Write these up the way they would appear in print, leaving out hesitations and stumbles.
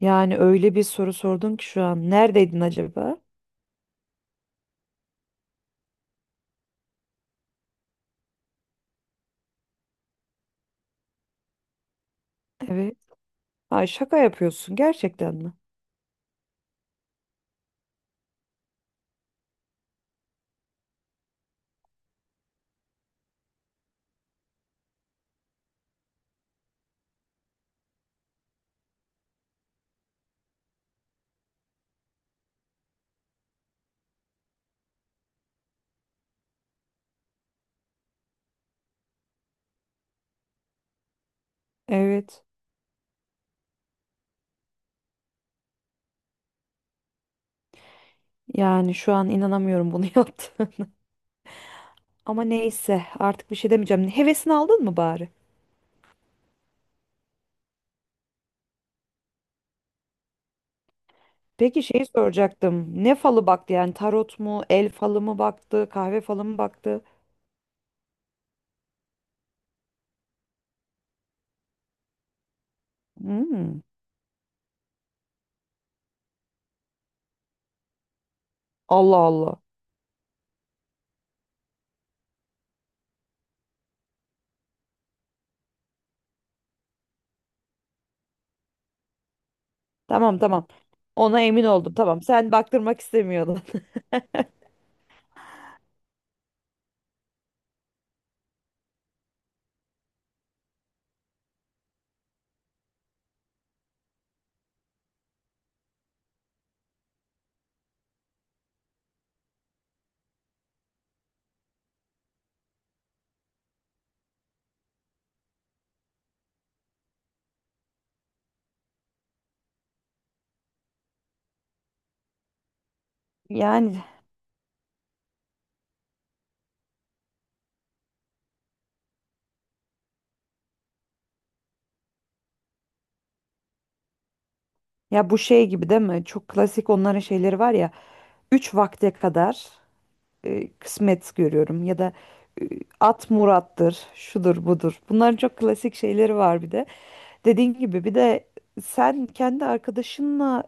Yani öyle bir soru sordun ki şu an. Neredeydin acaba? Evet. Ay şaka yapıyorsun gerçekten mi? Evet. Yani şu an inanamıyorum bunu yaptı. Ama neyse artık bir şey demeyeceğim. Hevesini aldın mı bari? Peki şeyi soracaktım. Ne falı baktı yani tarot mu, el falı mı baktı, kahve falı mı baktı? Hmm. Allah Allah. Tamam tamam. Ona emin oldum. Tamam sen baktırmak istemiyordun. Yani ya bu şey gibi değil mi? Çok klasik onların şeyleri var ya. Üç vakte kadar. Kısmet görüyorum ya da e, at murattır, şudur budur. Bunların çok klasik şeyleri var bir de. Dediğin gibi bir de sen kendi arkadaşınla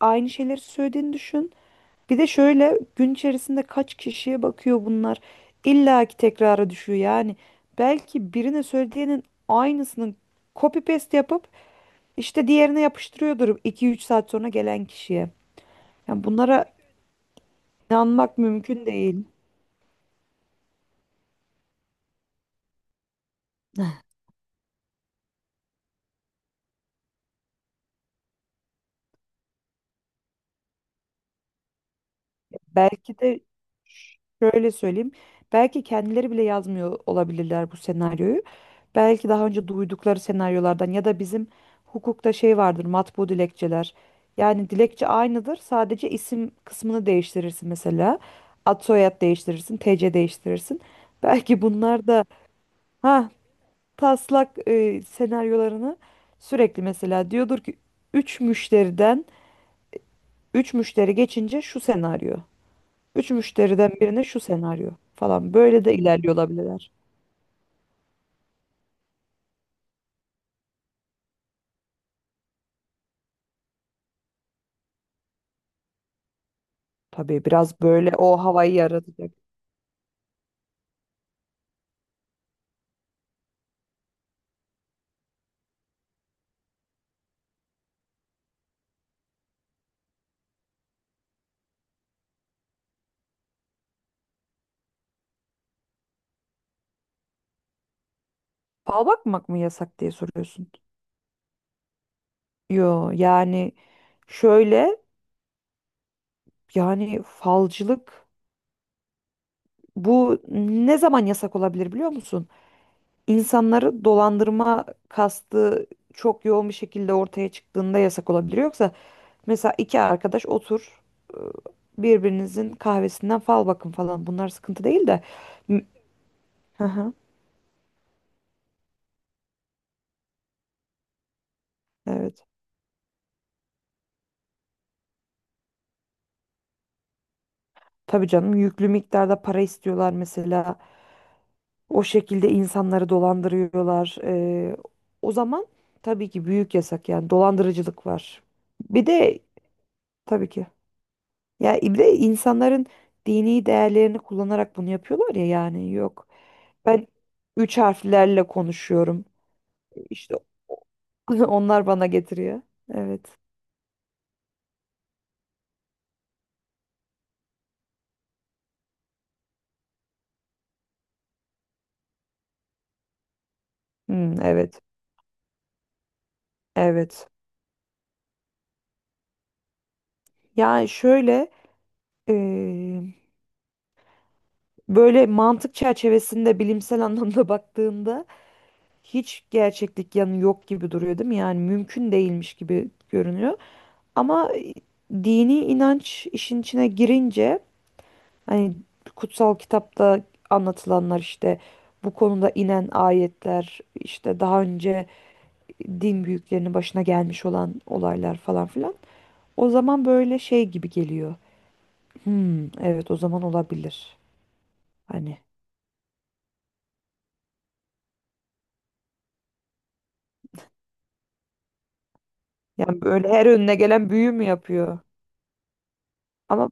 aynı şeyleri söylediğini düşün. Bir de şöyle gün içerisinde kaç kişiye bakıyor bunlar. İlla ki tekrara düşüyor yani. Belki birine söylediğinin aynısını copy paste yapıp işte diğerine yapıştırıyordur iki üç saat sonra gelen kişiye. Yani bunlara inanmak mümkün değil. Belki de şöyle söyleyeyim. Belki kendileri bile yazmıyor olabilirler bu senaryoyu. Belki daha önce duydukları senaryolardan ya da bizim hukukta şey vardır matbu dilekçeler. Yani dilekçe aynıdır. Sadece isim kısmını değiştirirsin mesela. Ad soyad değiştirirsin, TC değiştirirsin. Belki bunlar da ha taslak senaryolarını sürekli mesela diyordur ki 3 müşteriden 3 müşteri geçince şu senaryo. Üç müşteriden birine şu senaryo falan. Böyle de ilerliyor olabilirler. Tabii biraz böyle o havayı yaratacak. Fal bakmak mı yasak diye soruyorsun. Yo yani şöyle, yani falcılık bu ne zaman yasak olabilir biliyor musun? İnsanları dolandırma kastı çok yoğun bir şekilde ortaya çıktığında yasak olabilir. Yoksa mesela iki arkadaş otur, ıı, birbirinizin kahvesinden fal bakın falan bunlar sıkıntı değil de. M- Hı hı, evet. Tabii canım yüklü miktarda para istiyorlar mesela. O şekilde insanları dolandırıyorlar. O zaman tabii ki büyük yasak yani dolandırıcılık var. Bir de tabii ki. Ya bir de insanların dini değerlerini kullanarak bunu yapıyorlar ya yani yok. Ben üç harflerle konuşuyorum. İşte onlar bana getiriyor. Evet. Hmm, evet. Evet. Yani şöyle, böyle mantık çerçevesinde bilimsel anlamda baktığında hiç gerçeklik yanı yok gibi duruyor değil mi? Yani mümkün değilmiş gibi görünüyor. Ama dini inanç işin içine girince hani kutsal kitapta anlatılanlar işte bu konuda inen ayetler işte daha önce din büyüklerinin başına gelmiş olan olaylar falan filan. O zaman böyle şey gibi geliyor. Hmm, evet o zaman olabilir. Hani yani böyle her önüne gelen büyü mü yapıyor? Ama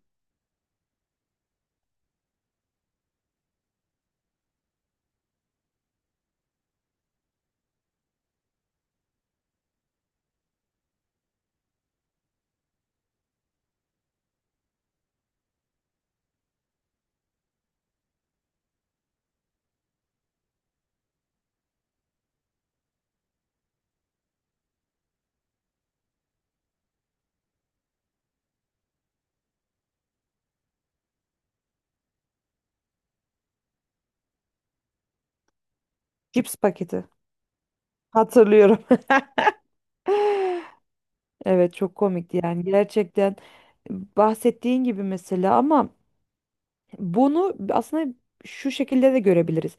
cips paketi. Hatırlıyorum. Evet çok komikti yani gerçekten bahsettiğin gibi mesela ama bunu aslında şu şekilde de görebiliriz.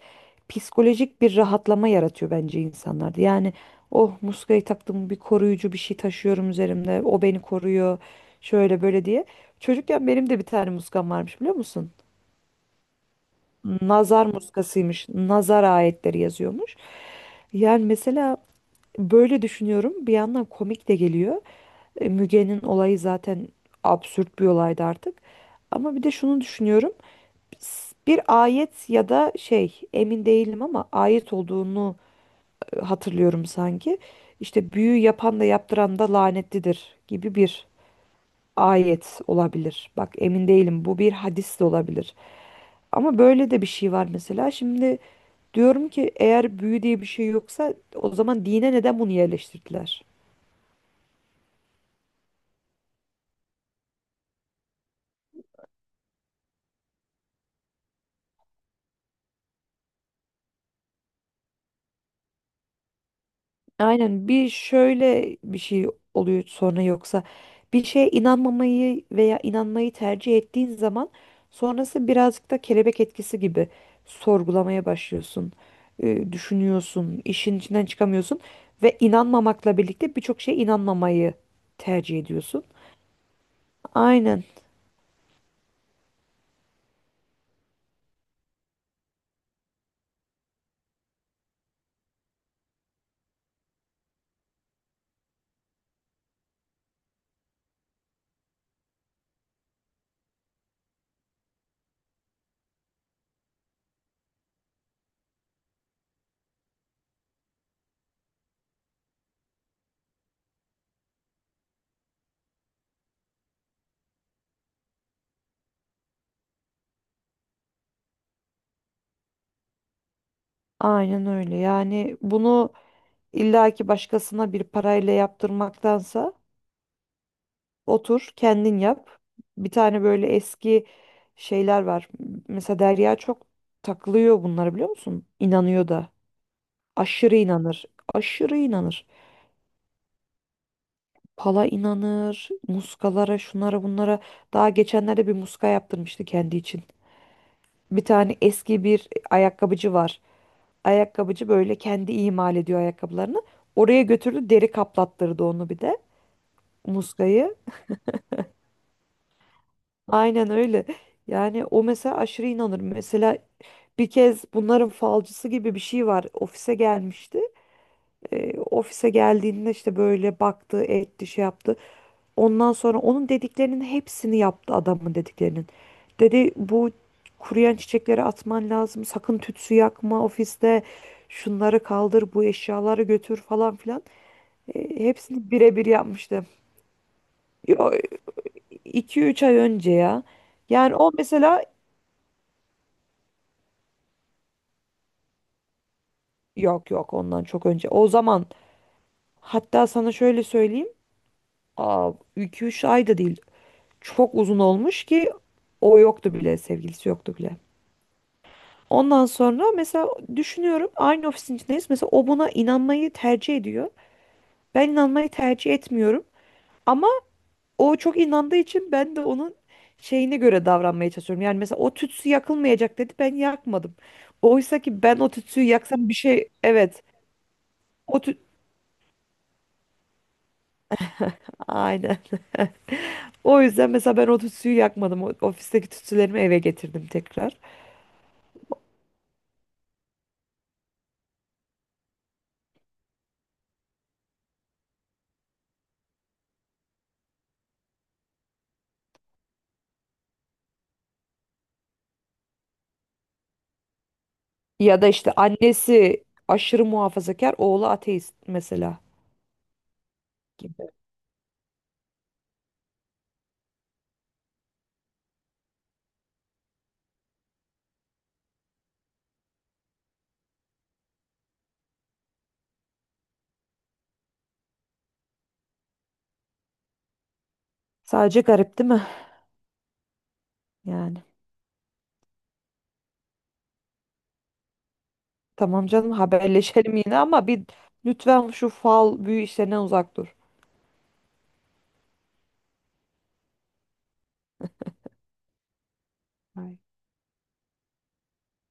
Psikolojik bir rahatlama yaratıyor bence insanlarda. Yani oh muskayı taktım, bir koruyucu bir şey taşıyorum üzerimde. O beni koruyor. Şöyle böyle diye. Çocukken benim de bir tane muskam varmış biliyor musun? Nazar muskasıymış. Nazar ayetleri yazıyormuş. Yani mesela böyle düşünüyorum. Bir yandan komik de geliyor. E, Müge'nin olayı zaten absürt bir olaydı artık. Ama bir de şunu düşünüyorum. S- Bir ayet ya da şey emin değilim ama ayet olduğunu hatırlıyorum sanki. İşte büyü yapan da yaptıran da lanetlidir gibi bir ayet olabilir. Bak emin değilim bu bir hadis de olabilir. Ama böyle de bir şey var mesela. Şimdi diyorum ki eğer büyü diye bir şey yoksa o zaman dine neden bunu yerleştirdiler? Aynen bir şöyle bir şey oluyor sonra, yoksa bir şeye inanmamayı veya inanmayı tercih ettiğin zaman sonrası birazcık da kelebek etkisi gibi sorgulamaya başlıyorsun, düşünüyorsun, işin içinden çıkamıyorsun ve inanmamakla birlikte birçok şeye inanmamayı tercih ediyorsun. Aynen, aynen öyle. Yani bunu illaki başkasına bir parayla yaptırmaktansa otur, kendin yap. Bir tane böyle eski şeyler var. Mesela Derya çok takılıyor bunlara biliyor musun? İnanıyor da. Aşırı inanır. Aşırı inanır. Pala inanır, muskalara, şunlara, bunlara. Daha geçenlerde bir muska yaptırmıştı kendi için. Bir tane eski bir ayakkabıcı var. Ayakkabıcı böyle kendi imal ediyor ayakkabılarını. Oraya götürdü, deri kaplattırdı onu bir de muskayı. Aynen öyle. Yani o mesela aşırı inanır. Mesela bir kez bunların falcısı gibi bir şey var. Ofise gelmişti. Ofise geldiğinde işte böyle baktı, etti, şey yaptı. Ondan sonra onun dediklerinin hepsini yaptı, adamın dediklerinin. Dedi bu kuruyan çiçekleri atman lazım. Sakın tütsü yakma ofiste. Şunları kaldır, bu eşyaları götür falan filan. Hepsini birebir yapmıştı. Yo, 2-3 ay önce ya. Yani o mesela yok yok ondan çok önce. O zaman hatta sana şöyle söyleyeyim. Aa, 2-3 ay da değil. Çok uzun olmuş ki o yoktu bile, sevgilisi yoktu bile. Ondan sonra mesela düşünüyorum aynı ofisin içindeyiz. Mesela o buna inanmayı tercih ediyor. Ben inanmayı tercih etmiyorum. Ama o çok inandığı için ben de onun şeyine göre davranmaya çalışıyorum. Yani mesela o tütsü yakılmayacak dedi, ben yakmadım. Oysa ki ben o tütsüyü yaksam bir şey, evet. O tüt... Aynen. O yüzden mesela ben o tütsüyü yakmadım. O- Ofisteki tütsülerimi eve getirdim tekrar. Ya da işte annesi aşırı muhafazakar, oğlu ateist mesela gibi. Sadece garip değil mi? Yani. Tamam canım, haberleşelim yine ama bir, lütfen şu fal büyü işlerinden uzak dur. Ay.